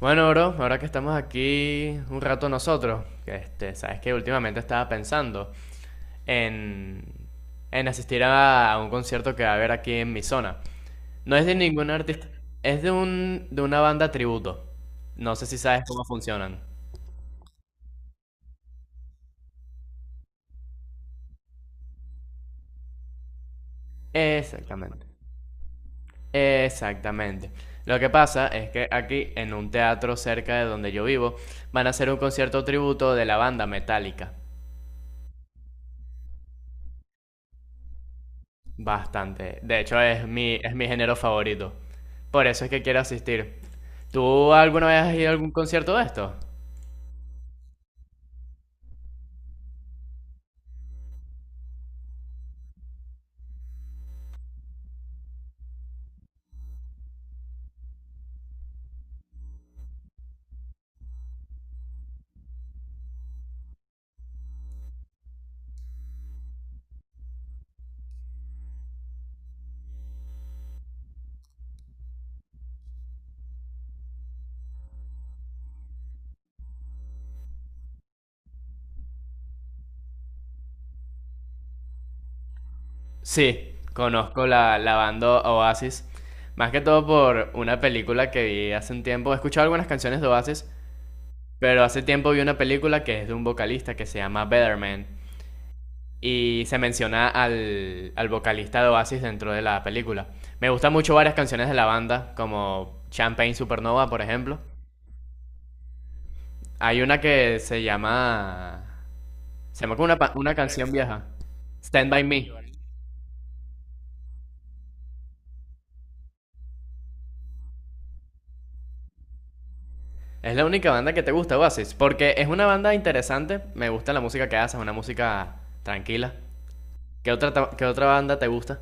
Bueno, bro, ahora que estamos aquí un rato nosotros, sabes que últimamente estaba pensando en, en asistir a un concierto que va a haber aquí en mi zona. No es de ningún artista, es de de una banda tributo. No sé si sabes cómo funcionan. Exactamente. Exactamente. Lo que pasa es que aquí, en un teatro cerca de donde yo vivo, van a hacer un concierto tributo de la banda Metallica. Bastante. De hecho, es mi género favorito. Por eso es que quiero asistir. ¿Tú alguna vez has ido a algún concierto de esto? Sí, conozco la banda Oasis. Más que todo por una película que vi hace un tiempo. He escuchado algunas canciones de Oasis, pero hace tiempo vi una película que es de un vocalista que se llama Betterman. Y se menciona al vocalista de Oasis dentro de la película. Me gustan mucho varias canciones de la banda, como Champagne Supernova, por ejemplo. Hay una que se llama. Se llama como una canción vieja. Stand By Me. Es la única banda que te gusta, Oasis. Porque es una banda interesante. Me gusta la música que haces, una música tranquila. ¿Qué otra banda te gusta?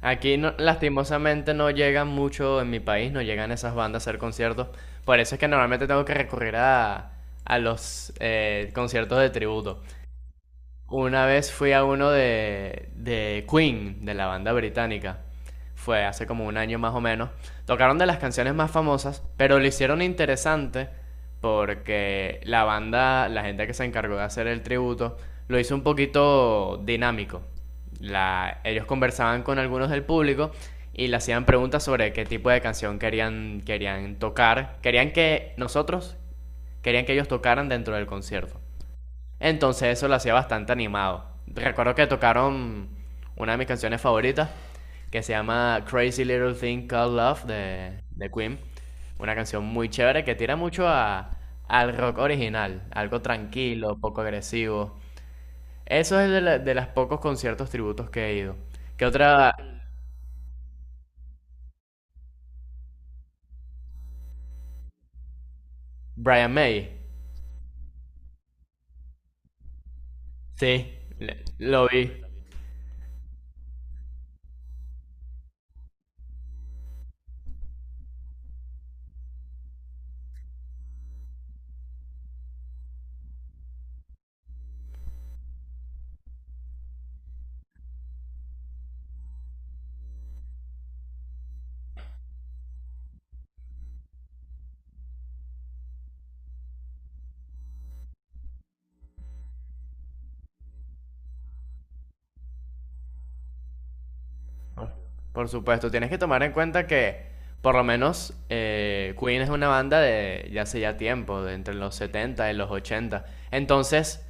Aquí, lastimosamente, no llegan mucho en mi país, no llegan esas bandas a hacer conciertos. Por eso es que normalmente tengo que recurrir a los conciertos de tributo. Una vez fui a uno de Queen, de la banda británica. Fue hace como un año más o menos. Tocaron de las canciones más famosas, pero lo hicieron interesante porque la banda, la gente que se encargó de hacer el tributo, lo hizo un poquito dinámico. Ellos conversaban con algunos del público y le hacían preguntas sobre qué tipo de canción querían tocar. Querían que ellos tocaran dentro del concierto. Entonces eso lo hacía bastante animado. Recuerdo que tocaron una de mis canciones favoritas, que se llama Crazy Little Thing Called Love de Queen. Una canción muy chévere que tira mucho al rock original, algo tranquilo, poco agresivo. Eso es de los pocos conciertos tributos que he ido. ¿Qué otra? Brian May. Sí, lo vi. ¿No? Por supuesto, tienes que tomar en cuenta que por lo menos Queen es una banda de ya hace ya tiempo, de entre los 70 y los 80. Entonces,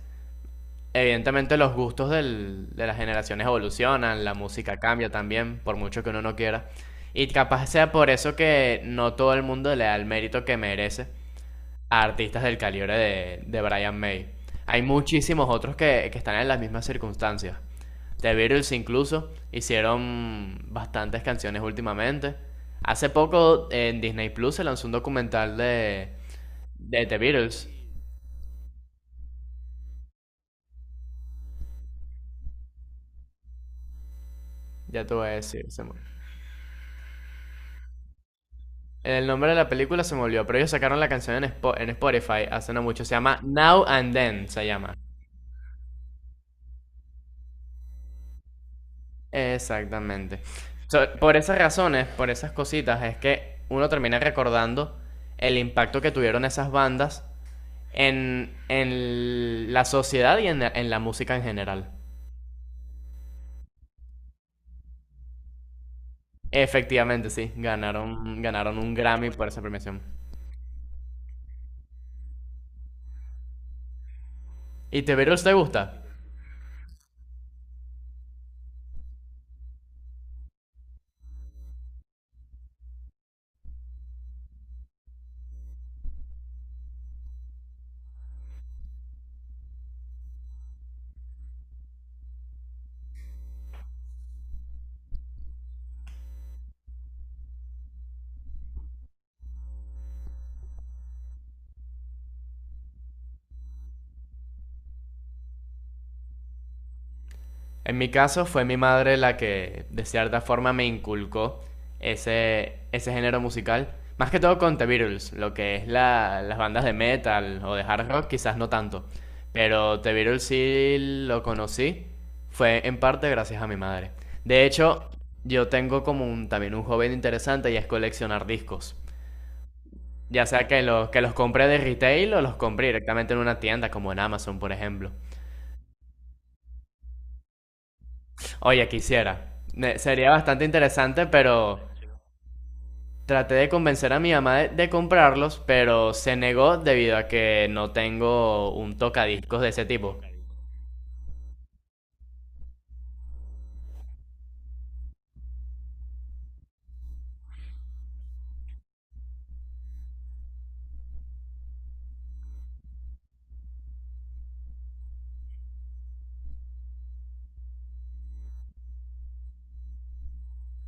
evidentemente los gustos de las generaciones evolucionan, la música cambia también, por mucho que uno no quiera. Y capaz sea por eso que no todo el mundo le da el mérito que merece a artistas del calibre de Brian May. Hay muchísimos otros que están en las mismas circunstancias. The Beatles incluso hicieron bastantes canciones últimamente. Hace poco en Disney Plus se lanzó un documental de The Beatles. Ya te voy a decir. El nombre de la película se me olvidó, pero ellos sacaron la canción en Spotify hace no mucho. Se llama Now and Then, se llama. Exactamente. So, por esas razones, por esas cositas, es que uno termina recordando el impacto que tuvieron esas bandas en la sociedad y en la música en general. Efectivamente, sí, ganaron un Grammy por esa premiación. ¿Y The Beatles te gusta? En mi caso fue mi madre la que de cierta forma me inculcó ese género musical. Más que todo con The Beatles, lo que es las bandas de metal o de hard rock, quizás no tanto. Pero The Beatles sí lo conocí, fue en parte gracias a mi madre. De hecho, yo tengo también un joven interesante y es coleccionar discos. Ya sea que que los compré de retail o los compré directamente en una tienda como en Amazon, por ejemplo. Oye, quisiera. Sería bastante interesante, pero traté de convencer a mi mamá de comprarlos, pero se negó debido a que no tengo un tocadiscos de ese tipo.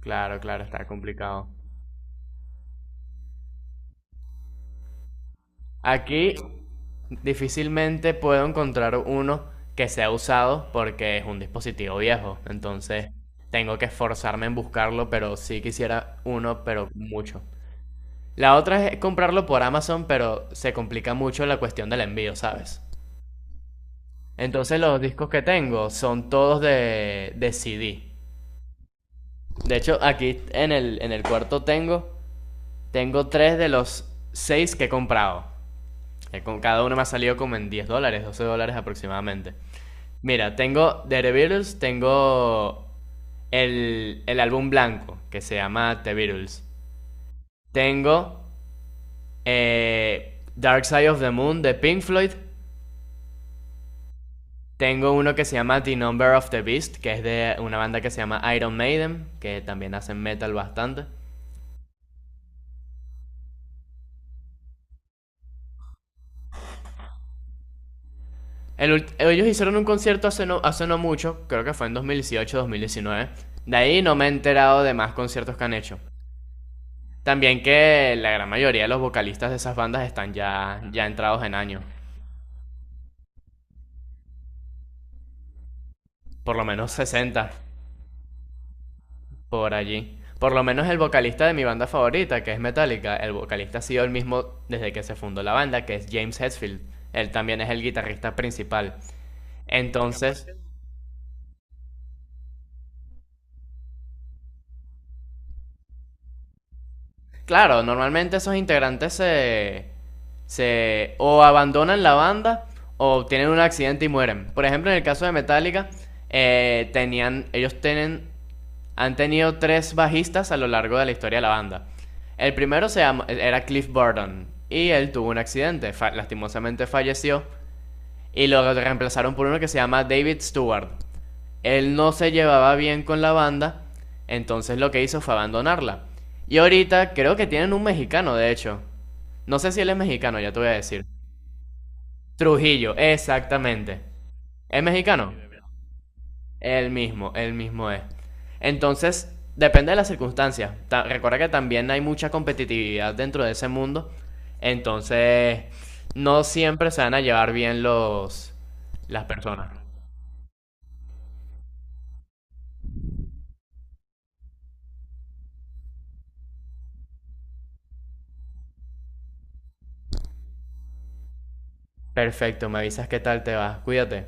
Claro, claro, está complicado. Aquí difícilmente puedo encontrar uno que sea usado porque es un dispositivo viejo. Entonces tengo que esforzarme en buscarlo, pero sí quisiera uno, pero mucho. La otra es comprarlo por Amazon, pero se complica mucho la cuestión del envío, ¿sabes? Entonces los discos que tengo son todos de CD. De hecho, aquí en el cuarto tengo tres de los seis que he comprado. Cada uno me ha salido como en $10, $12 aproximadamente. Mira, tengo The Beatles, tengo el álbum blanco, que se llama The Beatles. Tengo Dark Side of the Moon de Pink Floyd. Tengo uno que se llama The Number of the Beast, que es de una banda que se llama Iron Maiden, que también hacen metal bastante. El Ellos hicieron un concierto hace no mucho, creo que fue en 2018-2019. De ahí no me he enterado de más conciertos que han hecho. También que la gran mayoría de los vocalistas de esas bandas están ya, ya entrados en años, por lo menos 60. Por allí. Por lo menos el vocalista de mi banda favorita, que es Metallica, el vocalista ha sido el mismo desde que se fundó la banda, que es James Hetfield. Él también es el guitarrista principal. Entonces, claro, normalmente esos integrantes se o abandonan la banda o tienen un accidente y mueren. Por ejemplo, en el caso de Metallica, tenían, ellos tienen han tenido tres bajistas a lo largo de la historia de la banda. El primero era Cliff Burton y él tuvo un accidente, lastimosamente falleció y lo reemplazaron por uno que se llama David Stewart. Él no se llevaba bien con la banda, entonces lo que hizo fue abandonarla. Y ahorita creo que tienen un mexicano, de hecho. No sé si él es mexicano, ya te voy a decir. Trujillo, exactamente. ¿Es mexicano? El mismo es. Entonces, depende de las circunstancias. Recuerda que también hay mucha competitividad dentro de ese mundo. Entonces, no siempre se van a llevar bien los las personas. Perfecto, me avisas qué tal te va. Cuídate.